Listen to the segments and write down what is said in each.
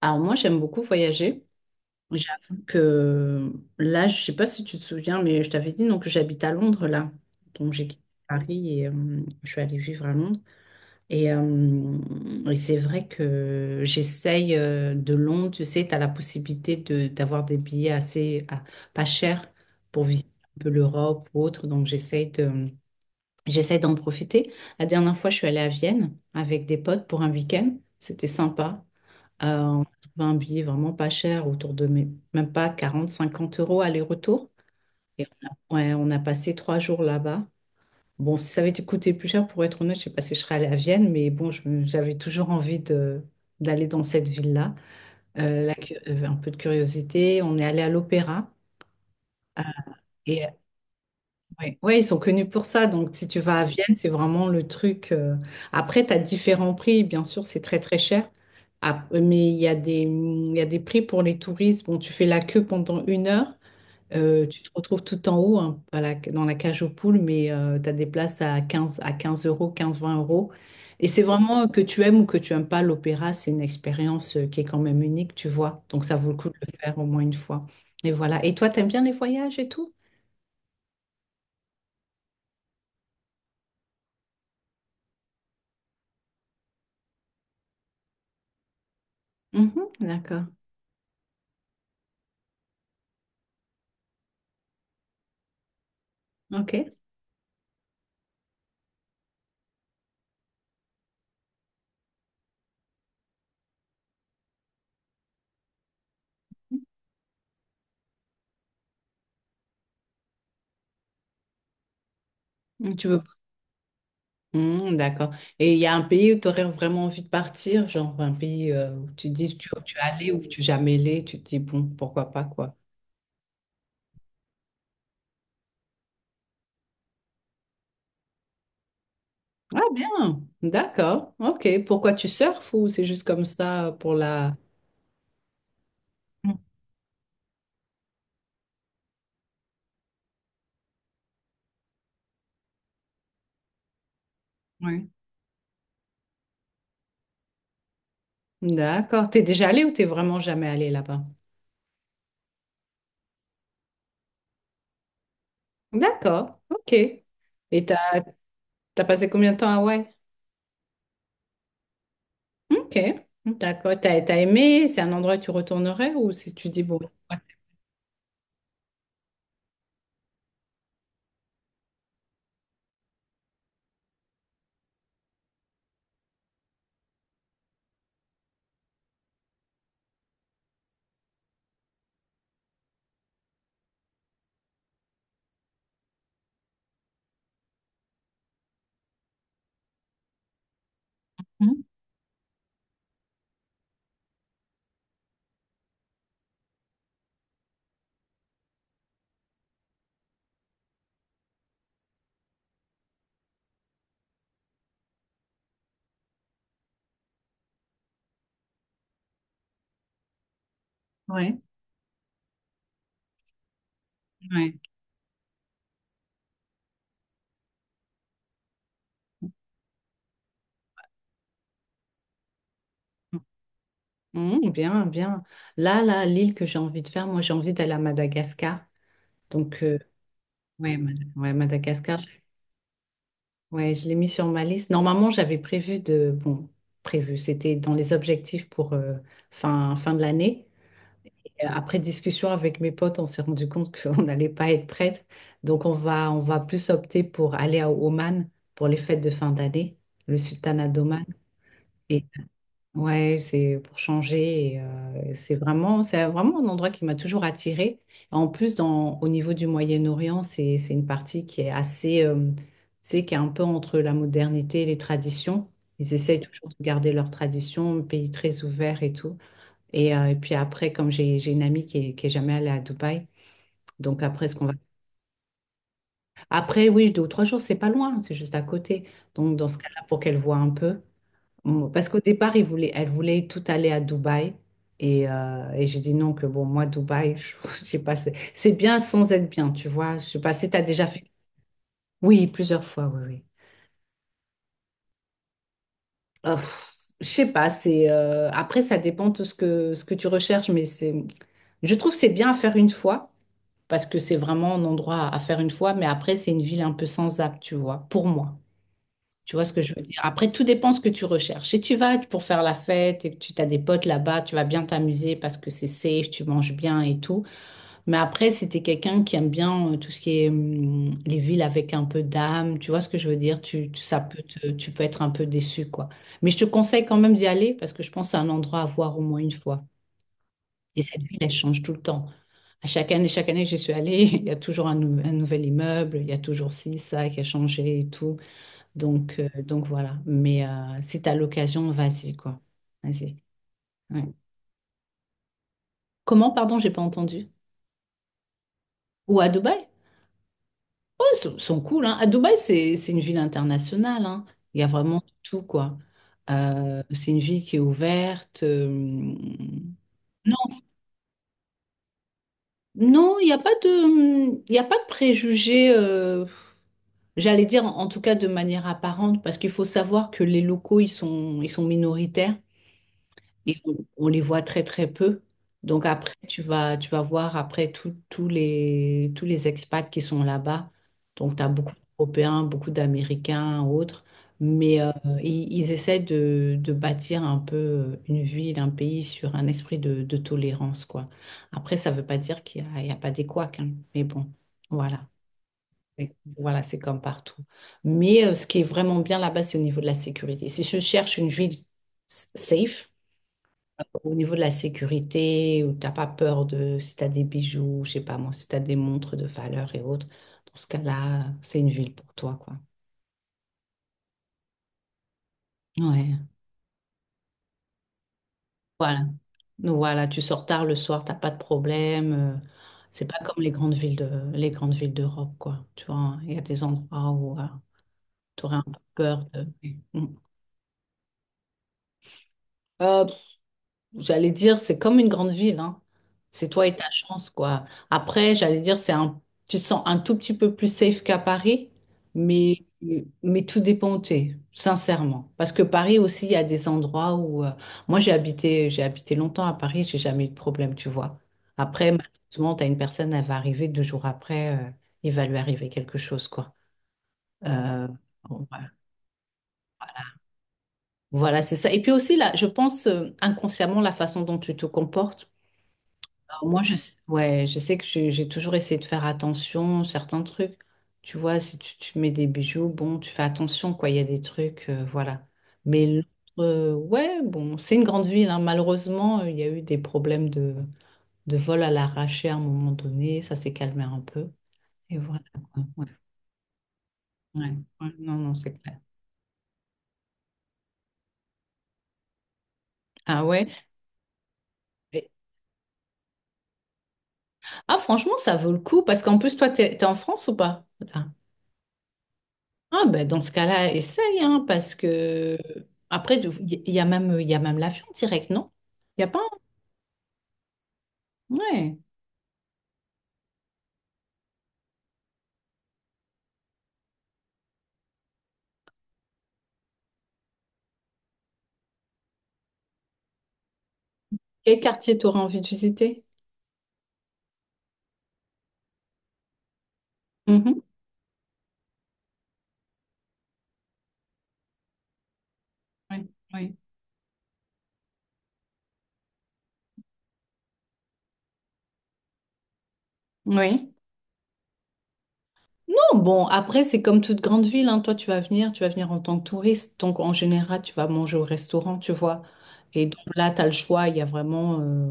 Alors moi, j'aime beaucoup voyager. J'avoue que là, je sais pas si tu te souviens, mais je t'avais dit donc que j'habite à Londres là. Donc j'ai quitté Paris et je suis allée vivre à Londres. Et, euh, et c'est vrai que j'essaye de Londres, tu sais, tu as la possibilité de d'avoir des billets assez pas chers pour visiter un peu l'Europe ou autre. Donc j'essaye d'en profiter. La dernière fois, je suis allée à Vienne avec des potes pour un week-end. C'était sympa. On a trouvé un billet vraiment pas cher, autour de même pas 40-50 euros aller-retour. Et on a, ouais, on a passé 3 jours là-bas. Bon, si ça avait été coûté plus cher, pour être honnête, je sais pas si je serais allée à Vienne, mais bon, j'avais toujours envie d'aller dans cette ville-là. Un peu de curiosité, on est allé à l'opéra. Oui, ouais, ils sont connus pour ça. Donc, si tu vas à Vienne, c'est vraiment le truc. Après, tu as différents prix. Bien sûr, c'est très, très cher. Ah, mais il y a des prix pour les touristes. Bon, tu fais la queue pendant une heure. Tu te retrouves tout en haut, hein, dans la cage aux poules, mais tu as des places à 15 euros, 15-20 euros. Et c'est vraiment que tu aimes ou que tu aimes pas l'opéra, c'est une expérience qui est quand même unique, tu vois. Donc, ça vaut le coup de le faire au moins une fois. Et voilà. Et toi, t'aimes bien les voyages et tout? Mhm, d'accord. Ok. Tu veux... Mm, d'accord. Et il y a un pays où tu aurais vraiment envie de partir, genre un pays où tu dis tu es allé ou tu es jamais allé, tu te dis bon, pourquoi pas quoi. Ah bien, d'accord, ok. Pourquoi tu surfes ou c'est juste comme ça pour la... Mm, ouais. D'accord. T'es déjà allé ou t'es vraiment jamais allé là-bas? D'accord, ok. Et t'as passé combien de temps à Hawaï? Ok, d'accord. T'as aimé? C'est un endroit où tu retournerais ou si tu dis bon... Ouais. Mm, ouais, ouais. Mmh, bien, bien. Là, là, l'île que j'ai envie de faire, moi, j'ai envie d'aller à Madagascar. Donc, ouais, ouais, Madagascar, ouais, je l'ai mis sur ma liste. Normalement, j'avais prévu de... Bon, prévu, c'était dans les objectifs pour fin de l'année. Et après discussion avec mes potes, on s'est rendu compte qu'on n'allait pas être prête. Donc, on va plus opter pour aller à Oman pour les fêtes de fin d'année, le sultanat d'Oman. Et, ouais, c'est pour changer. C'est vraiment, c'est vraiment un endroit qui m'a toujours attirée. En plus, au niveau du Moyen-Orient, c'est une partie qui est assez, c'est qui est un peu entre la modernité et les traditions. Ils essayent toujours de garder leurs traditions, un pays très ouvert et tout. Et puis après, comme j'ai une amie qui est jamais allée à Dubaï, donc après, ce qu'on va... Après, oui, 2 ou 3 jours, c'est pas loin, c'est juste à côté. Donc dans ce cas-là, pour qu'elle voit un peu. Bon, parce qu'au départ, il voulait, elle voulait tout aller à Dubaï. Et j'ai dit non, que bon, moi, Dubaï, je, je sais pas, c'est bien sans être bien, tu vois. Je sais pas si tu as déjà fait. Oui, plusieurs fois, oui, oui. Je sais pas, c'est après, ça dépend de ce que tu recherches, mais c'est, je trouve que c'est bien à faire une fois, parce que c'est vraiment un endroit à faire une fois, mais après, c'est une ville un peu sans âme, tu vois, pour moi. Tu vois ce que je veux dire? Après, tout dépend ce que tu recherches. Si tu vas pour faire la fête et que tu as des potes là-bas, tu vas bien t'amuser parce que c'est safe, tu manges bien et tout. Mais après, si t'es quelqu'un qui aime bien tout ce qui est les villes avec un peu d'âme, tu vois ce que je veux dire? Ça peut tu peux être un peu déçu, quoi. Mais je te conseille quand même d'y aller parce que je pense que c'est un endroit à voir au moins une fois. Et cette ville, elle change tout le temps. À chaque année que j'y suis allée, il y a toujours un nouvel immeuble, il y a toujours ci, ça qui a changé et tout. Donc voilà. Mais si t'as l'occasion, vas-y, quoi. Vas-y. Ouais. Comment, pardon, j'ai pas entendu? Ou à Dubaï? Oh, ils sont cool, hein. À Dubaï, c'est une ville internationale, hein. Il y a vraiment tout, quoi. C'est une ville qui est ouverte. Non, non, il y a pas de préjugés, j'allais dire en tout cas de manière apparente, parce qu'il faut savoir que les locaux, ils sont minoritaires. Et on les voit très très peu. Donc après, tu vas voir après tous les expats qui sont là-bas. Donc tu as beaucoup d'Européens, beaucoup d'Américains, autres. Mais ils essaient de bâtir un peu une ville, un pays sur un esprit de tolérance, quoi. Après, ça ne veut pas dire il y a pas des couacs, hein. Mais bon, voilà. Mais voilà, c'est comme partout. Mais ce qui est vraiment bien là-bas, c'est au niveau de la sécurité. Si je cherche une ville safe, au niveau de la sécurité, où t'as pas peur de si t'as des bijoux, je sais pas moi, si t'as des montres de valeur et autres, dans ce cas-là, c'est une ville pour toi, quoi. Ouais. Voilà. Donc voilà, tu sors tard le soir, t'as pas de problème. C'est pas comme les grandes villes d'Europe, quoi. Tu vois, il y a des endroits où tu aurais un peu peur de. Mm. Euh, J'allais dire, c'est comme une grande ville, hein. C'est toi et ta chance, quoi. Après, j'allais dire, tu te sens un tout petit peu plus safe qu'à Paris, mais, mais, tout dépend où t'es, sincèrement. Parce que Paris aussi, il y a des endroits où, moi, j'ai habité longtemps à Paris, j'ai jamais eu de problème, tu vois. Après, malheureusement, t'as une personne, elle va arriver 2 jours après, il va lui arriver quelque chose, quoi. Euh, bon, voilà, voilà, c'est ça. Et puis aussi, là, je pense, inconsciemment, la façon dont tu te comportes. Moi, ouais, je sais que j'ai toujours essayé de faire attention, certains trucs. Tu vois, si tu mets des bijoux, bon, tu fais attention, quoi. Il y a des trucs, voilà. Mais l'autre, ouais, bon, c'est une grande ville, hein. Malheureusement, il y a eu des problèmes de vol à l'arraché à un moment donné. Ça s'est calmé un peu. Et voilà, quoi. Ouais, ouais, ouais. Non, non, c'est clair. Ah ouais. Et- Ah, franchement, ça vaut le coup parce qu'en plus, toi, t'es en France ou pas? Ah ben dans ce cas-là, essaye, hein, parce que après, il y a même, il y a même l'avion direct, non? Il n'y a pas un- Ouais. Quel quartier t'auras envie de visiter? Mhm. Oui, oui. Oui. Non, bon, après, c'est comme toute grande ville, hein. Toi, tu vas venir en tant que touriste. Donc, en général, tu vas manger au restaurant, tu vois. Et donc là, tu as le choix, il y a vraiment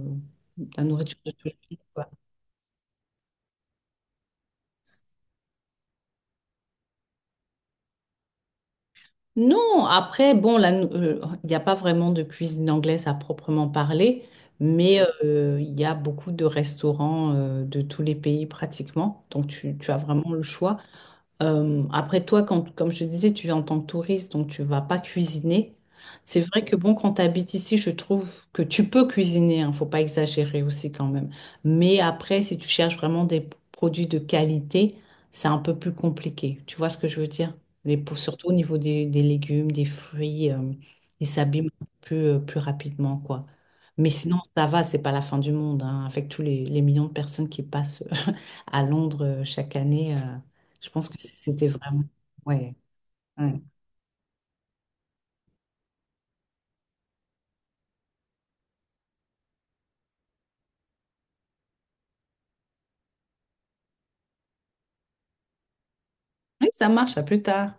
la nourriture de tout le monde. Non, après, bon, là, il n'y a pas vraiment de cuisine anglaise à proprement parler, mais il y a beaucoup de restaurants de tous les pays pratiquement, donc tu as vraiment le choix. Après toi, comme je te disais, tu es en tant que touriste, donc tu vas pas cuisiner. C'est vrai que bon, quand tu habites ici, je trouve que tu peux cuisiner, hein, faut pas exagérer aussi quand même. Mais après, si tu cherches vraiment des produits de qualité, c'est un peu plus compliqué. Tu vois ce que je veux dire? Surtout au niveau des légumes, des fruits, ils s'abîment plus rapidement, quoi. Mais sinon, ça va, c'est pas la fin du monde, hein, avec tous les millions de personnes qui passent à Londres chaque année. Je pense que c'était vraiment... Ouais. Ouais. Oui, ça marche, à plus tard.